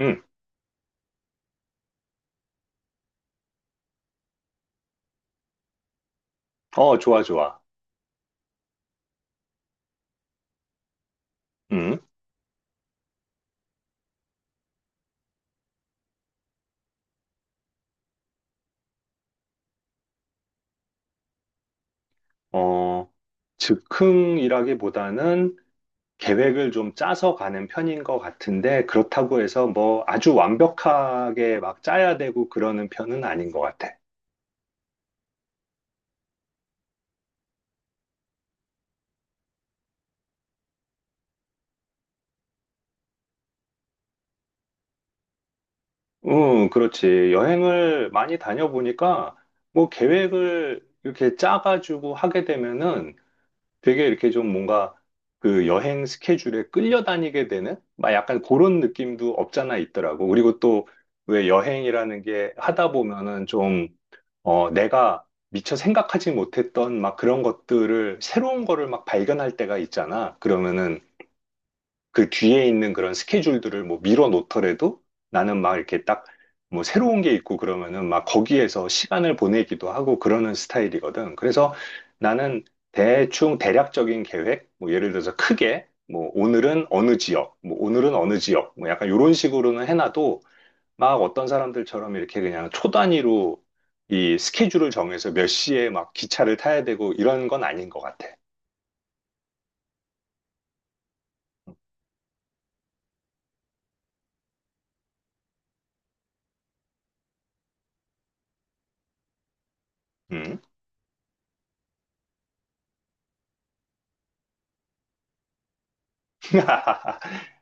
응. 좋아, 좋아. 응. 어, 즉흥이라기보다는 계획을 좀 짜서 가는 편인 것 같은데, 그렇다고 해서 뭐 아주 완벽하게 막 짜야 되고 그러는 편은 아닌 것 같아. 응, 그렇지. 여행을 많이 다녀보니까, 뭐 계획을 이렇게 짜가지고 하게 되면은, 되게 이렇게 좀 뭔가 그 여행 스케줄에 끌려다니게 되는 막 약간 그런 느낌도 없잖아 있더라고. 그리고 또 왜 여행이라는 게 하다 보면은 좀 내가 미처 생각하지 못했던 막 그런 것들을 새로운 거를 막 발견할 때가 있잖아. 그러면은 그 뒤에 있는 그런 스케줄들을 뭐 밀어 놓더라도 나는 막 이렇게 딱 뭐 새로운 게 있고 그러면은 막 거기에서 시간을 보내기도 하고 그러는 스타일이거든. 그래서 나는 대충 대략적인 계획, 뭐 예를 들어서 크게 뭐 오늘은 어느 지역, 뭐 오늘은 어느 지역, 뭐 약간 이런 식으로는 해놔도 막 어떤 사람들처럼 이렇게 그냥 초단위로 이 스케줄을 정해서 몇 시에 막 기차를 타야 되고 이런 건 아닌 것 같아. 음.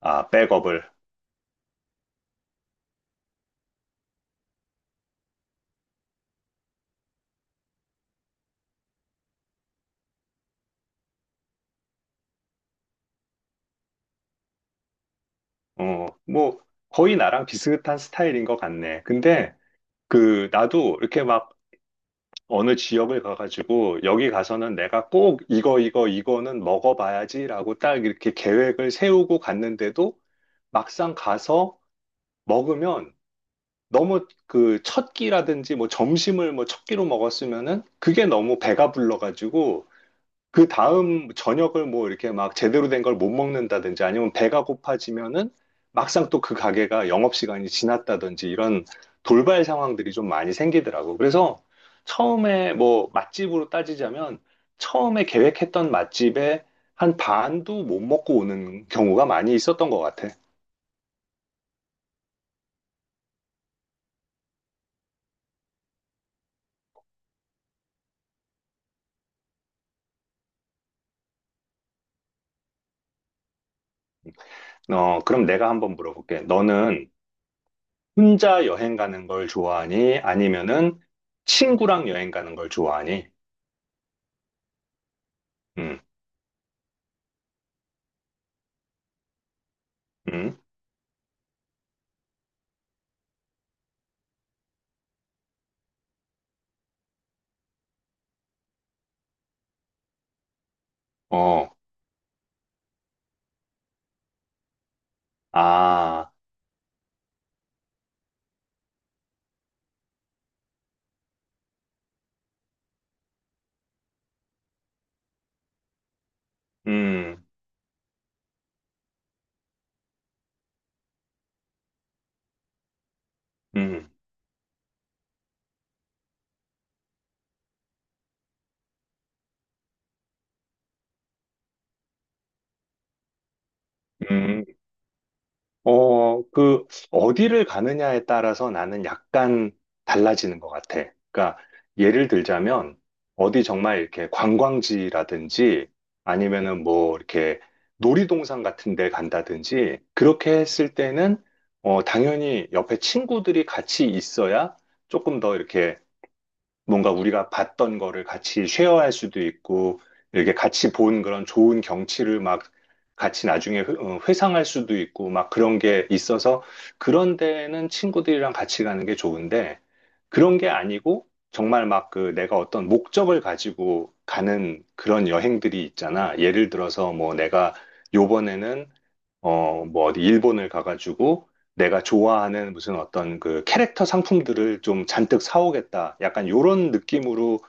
아, 백업을. 뭐, 거의 나랑 비슷한 스타일인 것 같네. 근데, 그, 나도 이렇게 막 어느 지역을 가가지고, 여기 가서는 내가 꼭 이거, 이거, 이거는 먹어봐야지라고 딱 이렇게 계획을 세우고 갔는데도, 막상 가서 먹으면 너무 그 첫 끼라든지 뭐 점심을 뭐 첫 끼로 먹었으면은 그게 너무 배가 불러가지고 그 다음 저녁을 뭐 이렇게 막 제대로 된 걸 못 먹는다든지 아니면 배가 고파지면은 막상 또 그 가게가 영업시간이 지났다든지 이런 돌발 상황들이 좀 많이 생기더라고. 그래서 처음에 뭐 맛집으로 따지자면 처음에 계획했던 맛집에 한 반도 못 먹고 오는 경우가 많이 있었던 것 같아. 그럼 내가 한번 물어볼게. 너는 혼자 여행 가는 걸 좋아하니? 아니면은 친구랑 여행 가는 걸 좋아하니? 음, 음. 어, 아, 음, 음, 음. 그, 어디를 가느냐에 따라서 나는 약간 달라지는 것 같아. 그러니까, 예를 들자면, 어디 정말 이렇게 관광지라든지, 아니면은 뭐, 이렇게 놀이동산 같은 데 간다든지, 그렇게 했을 때는, 당연히 옆에 친구들이 같이 있어야 조금 더 이렇게 뭔가 우리가 봤던 거를 같이 쉐어할 수도 있고, 이렇게 같이 본 그런 좋은 경치를 막 같이 나중에 회상할 수도 있고, 막 그런 게 있어서, 그런 데는 친구들이랑 같이 가는 게 좋은데, 그런 게 아니고, 정말 막 그 내가 어떤 목적을 가지고 가는 그런 여행들이 있잖아. 예를 들어서 뭐 내가 요번에는 뭐 어디 일본을 가가지고 내가 좋아하는 무슨 어떤 그 캐릭터 상품들을 좀 잔뜩 사오겠다. 약간 요런 느낌으로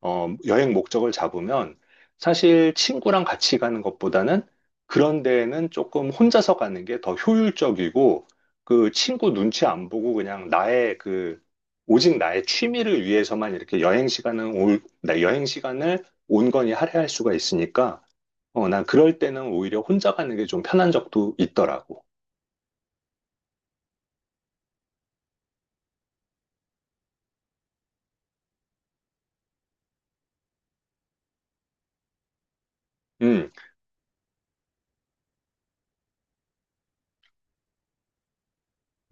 여행 목적을 잡으면 사실 친구랑 같이 가는 것보다는 그런 데에는 조금 혼자서 가는 게 더 효율적이고 그 친구 눈치 안 보고 그냥 나의 그 오직 나의 취미를 위해서만 이렇게 나 여행 시간을 온건히 할애할 수가 있으니까 난 그럴 때는 오히려 혼자 가는 게 좀 편한 적도 있더라고. 음,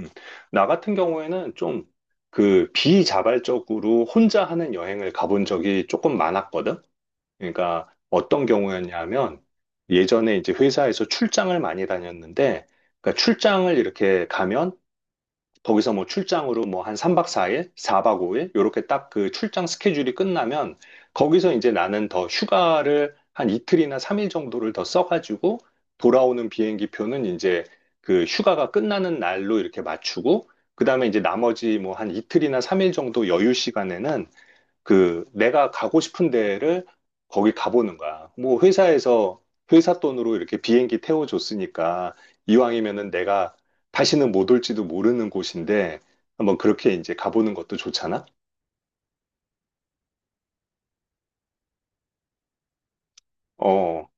음. 나 같은 경우에는 좀 그 비자발적으로 혼자 하는 여행을 가본 적이 조금 많았거든. 그러니까 어떤 경우였냐면 예전에 이제 회사에서 출장을 많이 다녔는데, 그러니까 출장을 이렇게 가면 거기서 뭐 출장으로 뭐 한 3박 4일, 4박 5일, 요렇게 딱 그 출장 스케줄이 끝나면 거기서 이제 나는 더 휴가를 한 이틀이나 3일 정도를 더 써가지고 돌아오는 비행기 표는 이제 그 휴가가 끝나는 날로 이렇게 맞추고 그다음에 이제 나머지 뭐 한 이틀이나 3일 정도 여유 시간에는 그 내가 가고 싶은 데를 거기 가보는 거야. 뭐 회사에서 회사 돈으로 이렇게 비행기 태워줬으니까 이왕이면은 내가 다시는 못 올지도 모르는 곳인데 한번 그렇게 이제 가보는 것도 좋잖아? 어,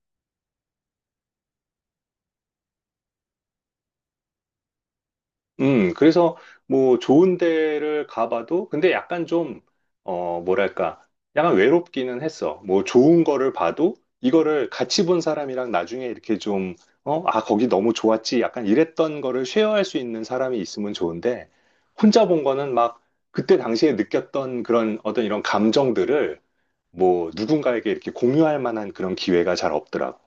그래서 뭐 좋은 데를 가봐도 근데 약간 좀, 뭐랄까, 약간 외롭기는 했어. 뭐 좋은 거를 봐도 이거를 같이 본 사람이랑 나중에 이렇게 좀, 거기 너무 좋았지. 약간 이랬던 거를 쉐어할 수 있는 사람이 있으면 좋은데 혼자 본 거는 막 그때 당시에 느꼈던 그런 어떤 이런 감정들을 뭐 누군가에게 이렇게 공유할 만한 그런 기회가 잘 없더라고.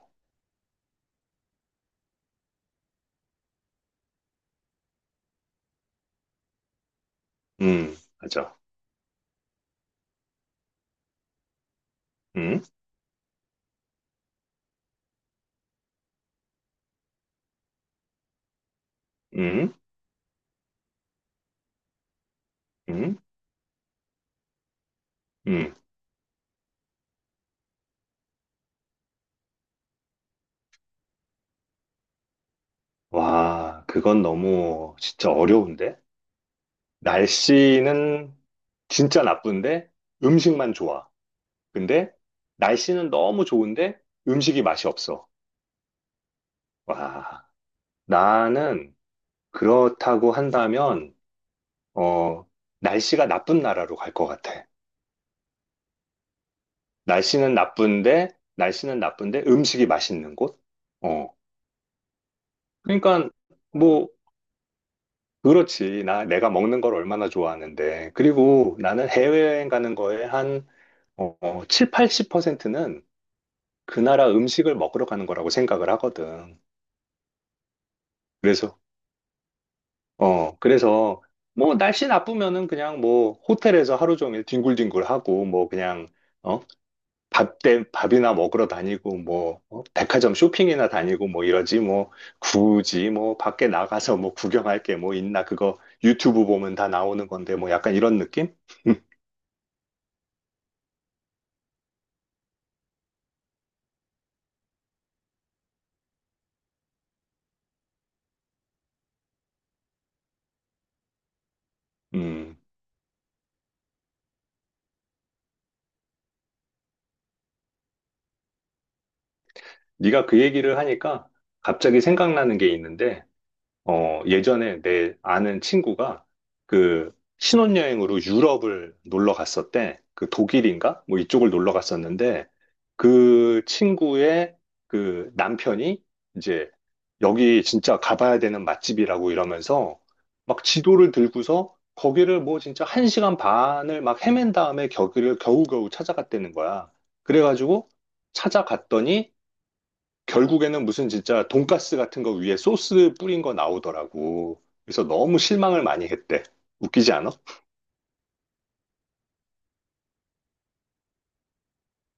음, 맞아. 음, 음, 음, 음. 와, 그건 너무 진짜 어려운데? 날씨는 진짜 나쁜데 음식만 좋아. 근데 날씨는 너무 좋은데 음식이 맛이 없어. 와, 나는 그렇다고 한다면, 어, 날씨가 나쁜 나라로 갈 것 같아. 날씨는 나쁜데, 날씨는 나쁜데 음식이 맛있는 곳? 어, 그러니까 뭐, 그렇지. 내가 먹는 걸 얼마나 좋아하는데. 그리고 나는 해외여행 가는 거에 한 7, 80%는 그 나라 음식을 먹으러 가는 거라고 생각을 하거든. 그래서, 그래서, 뭐, 날씨 나쁘면은 그냥 뭐, 호텔에서 하루 종일 뒹굴뒹굴 하고, 뭐, 그냥, 어, 밥이나 먹으러 다니고, 뭐, 백화점 쇼핑이나 다니고, 뭐, 이러지, 뭐, 굳이 뭐, 밖에 나가서 뭐, 구경할 게 뭐 있나, 그거 유튜브 보면 다 나오는 건데, 뭐, 약간 이런 느낌? 음, 네가 그 얘기를 하니까 갑자기 생각나는 게 있는데, 예전에 내 아는 친구가 그 신혼여행으로 유럽을 놀러 갔었대. 그 독일인가? 뭐 이쪽을 놀러 갔었는데 그 친구의 그 남편이 이제 여기 진짜 가봐야 되는 맛집이라고 이러면서 막 지도를 들고서 거기를 뭐 진짜 한 시간 반을 막 헤맨 다음에 거기를 겨우겨우 찾아갔다는 거야. 그래가지고 찾아갔더니 결국에는 무슨 진짜 돈가스 같은 거 위에 소스 뿌린 거 나오더라고. 그래서 너무 실망을 많이 했대. 웃기지 않아?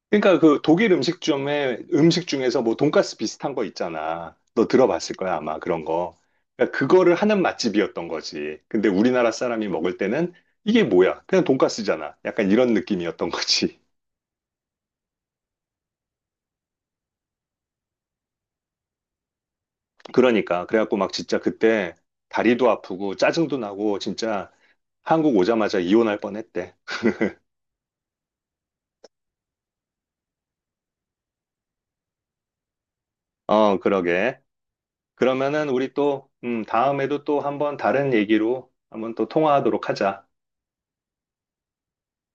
그러니까 그 독일 음식점에 음식 중에서 뭐 돈가스 비슷한 거 있잖아. 너 들어봤을 거야, 아마 그런 거. 그러니까 그거를 하는 맛집이었던 거지. 근데 우리나라 사람이 먹을 때는 이게 뭐야? 그냥 돈가스잖아. 약간 이런 느낌이었던 거지. 그러니까 그래갖고 막 진짜 그때 다리도 아프고 짜증도 나고 진짜 한국 오자마자 이혼할 뻔했대. 그러게. 그러면은 우리 또, 다음에도 또 한번 다른 얘기로 한번 또 통화하도록 하자.